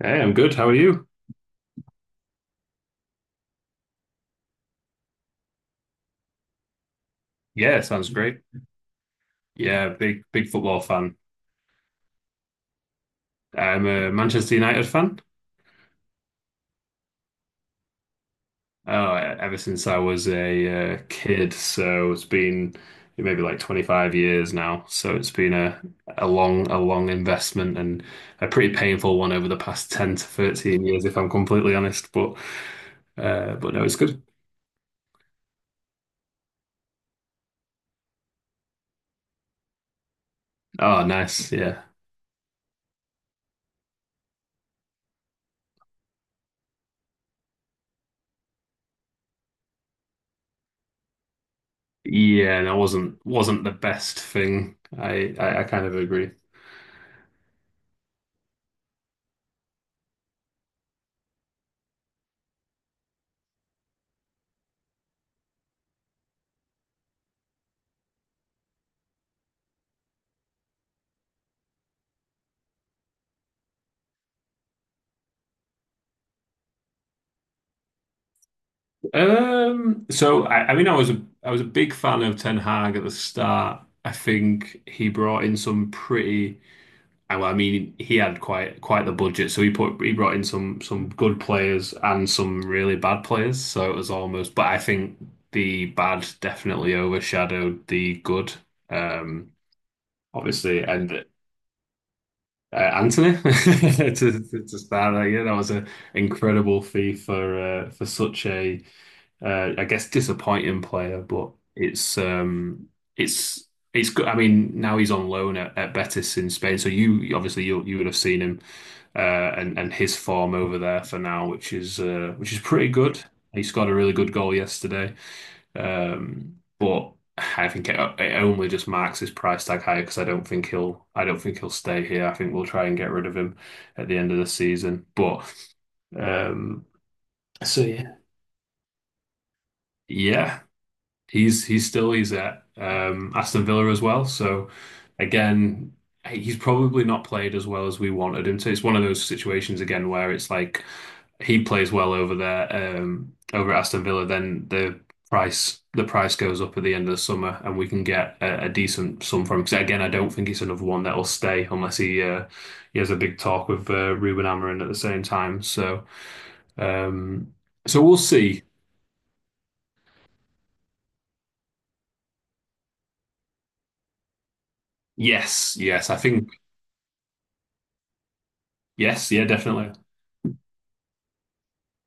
Hey, I'm good. How are you? Yeah, sounds great. Yeah, big football fan. I'm a Manchester United fan. Oh, ever since I was a kid, so it's been maybe like 25 years now. So it's been a long investment and a pretty painful one over the past 10 to 13 years, if I'm completely honest. But no, it's good. Oh, nice. Yeah, yeah. And it wasn't the best thing. I kind of agree. So I mean, I was a big fan of Ten Hag at the start. I think he brought in some well, I mean, he had quite the budget, so he brought in some good players and some really bad players. So it was almost, but I think the bad definitely overshadowed the good. Um, obviously, and Anthony to start, like, yeah, that was an incredible fee for such a I guess disappointing player, but it's it's good. I mean, now he's on loan at Betis in Spain, so you obviously you would have seen him, uh, and his form over there for now, which is pretty good. He scored a really good goal yesterday, but I think it only just marks his price tag higher because I don't think he'll I don't think he'll stay here. I think we'll try and get rid of him at the end of the season, but um, so yeah. Yeah, he's at Aston Villa as well. So again, hey, he's probably not played as well as we wanted him to. It's one of those situations again where it's like he plays well over there, over at Aston Villa, then the price goes up at the end of the summer, and we can get a decent sum from him. Because again, I don't think it's another one that will stay unless he has a big talk with Ruben Amorim at the same time. Um, so we'll see. Yes, yes, I think yes, yeah, definitely.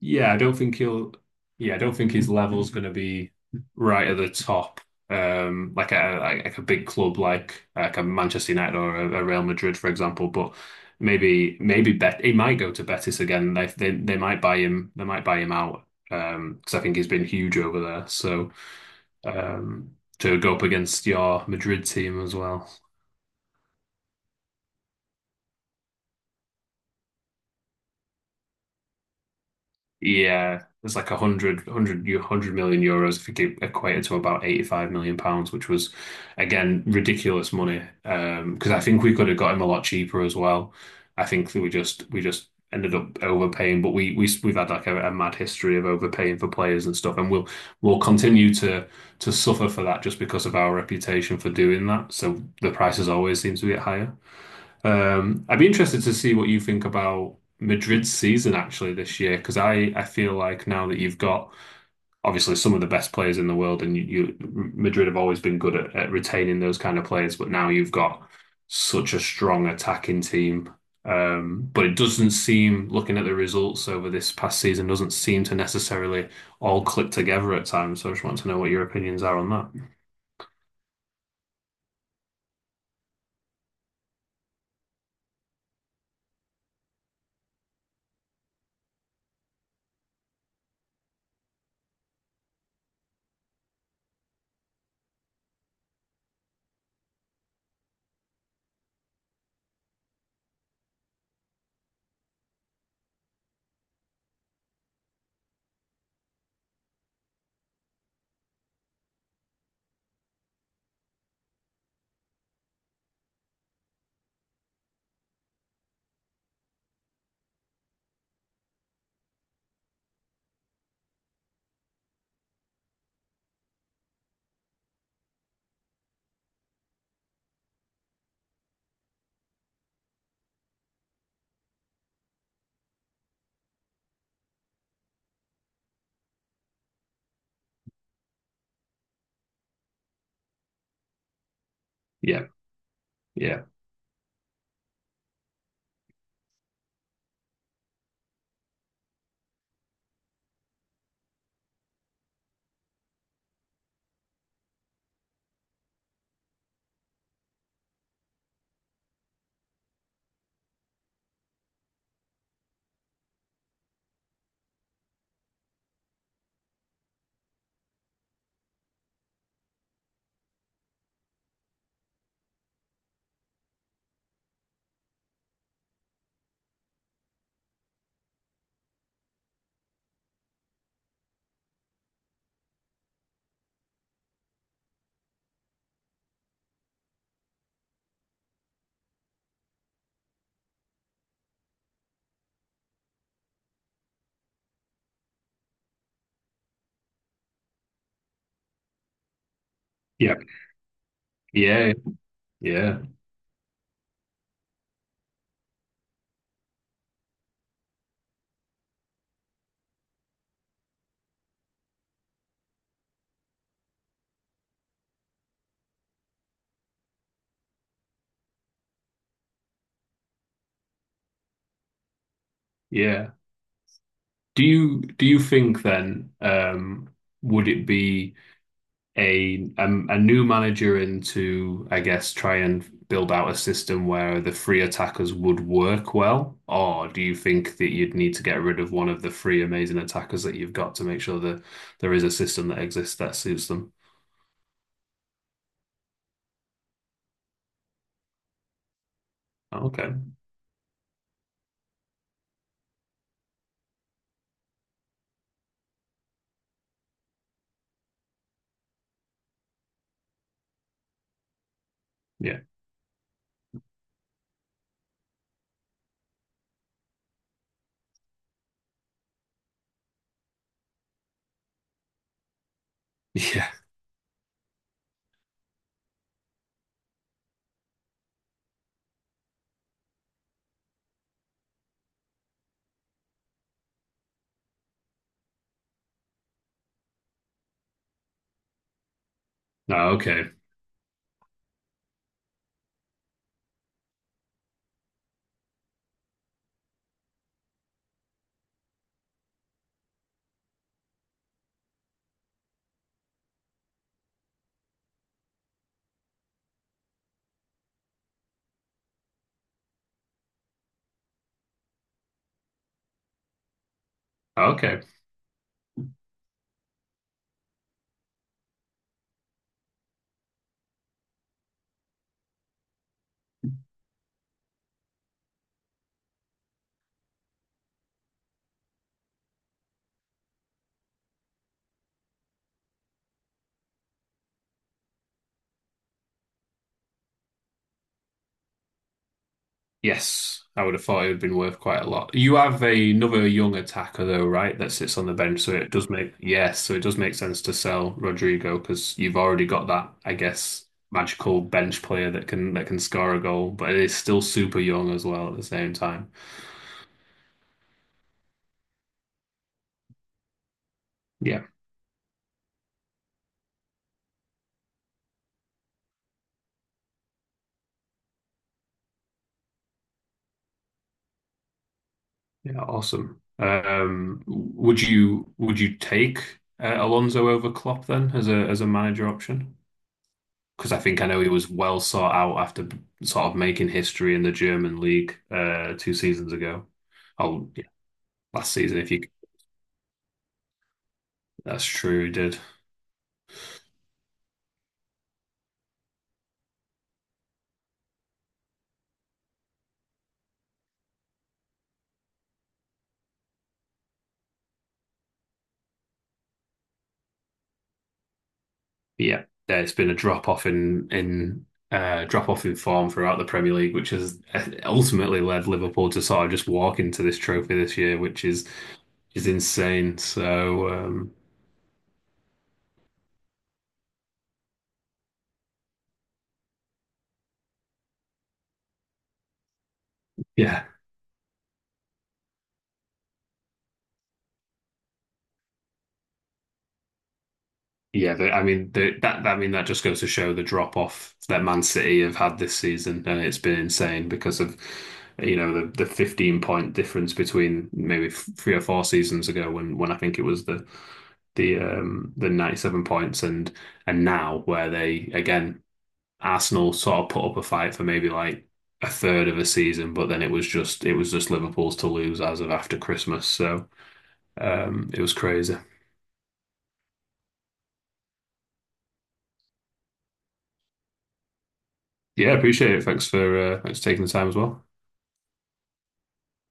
Yeah, I don't think he'll. Yeah, I don't think his level's going to be right at the top. Like a big club, like a Manchester United or a Real Madrid, for example. But maybe maybe Bet he might go to Betis again. They might buy him. They might buy him out. Because I think he's been huge over there. So to go up against your Madrid team as well. Yeah, there's like a hundred, hundred, eu- 100 million euros if you could equate it to about 85 million pounds, which was, again, ridiculous money. Because I think we could have got him a lot cheaper as well. I think that we just ended up overpaying, but we've had like a mad history of overpaying for players and stuff, and we'll continue to suffer for that just because of our reputation for doing that. So the prices always seem to be higher. I'd be interested to see what you think about Madrid's season actually this year, because I feel like now that you've got obviously some of the best players in the world, and you Madrid have always been good at retaining those kind of players, but now you've got such a strong attacking team. But it doesn't seem, looking at the results over this past season, doesn't seem to necessarily all click together at times. So I just want to know what your opinions are on that. Yeah, yeah, yeah, yeah, yeah, yeah. Do you think then, would it be a new manager in to I guess try and build out a system where the free attackers would work well, or do you think that you'd need to get rid of one of the three amazing attackers that you've got to make sure that there is a system that exists that suits them? Okay, yeah, yeah, no, okay, okay. Yes, I would have thought it would have been worth quite a lot. You have another young attacker though, right? That sits on the bench, so it does make yes, so it does make sense to sell Rodrigo because you've already got that, I guess, magical bench player that can score a goal, but it is still super young as well at the same time. Yeah, yeah, awesome. Would you take Alonso over Klopp then as a manager option? Because I think I know he was well sought out after sort of making history in the German league two seasons ago. Oh, yeah, last season, if you that's true, he did. But yeah, there's been a drop off in drop off in form throughout the Premier League, which has, ultimately led Liverpool to sort of just walk into this trophy this year, which is insane. Yeah. Yeah, I mean they, that. I mean that just goes to show the drop off that Man City have had this season, and it's been insane because of you know the 15 point difference between maybe three or four seasons ago when I think it was the 97 points and now where they again Arsenal sort of put up a fight for maybe like a third of a season, but then it was just Liverpool's to lose as of after Christmas, so it was crazy. Yeah, appreciate it. Thanks for thanks for taking the time as well.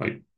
Like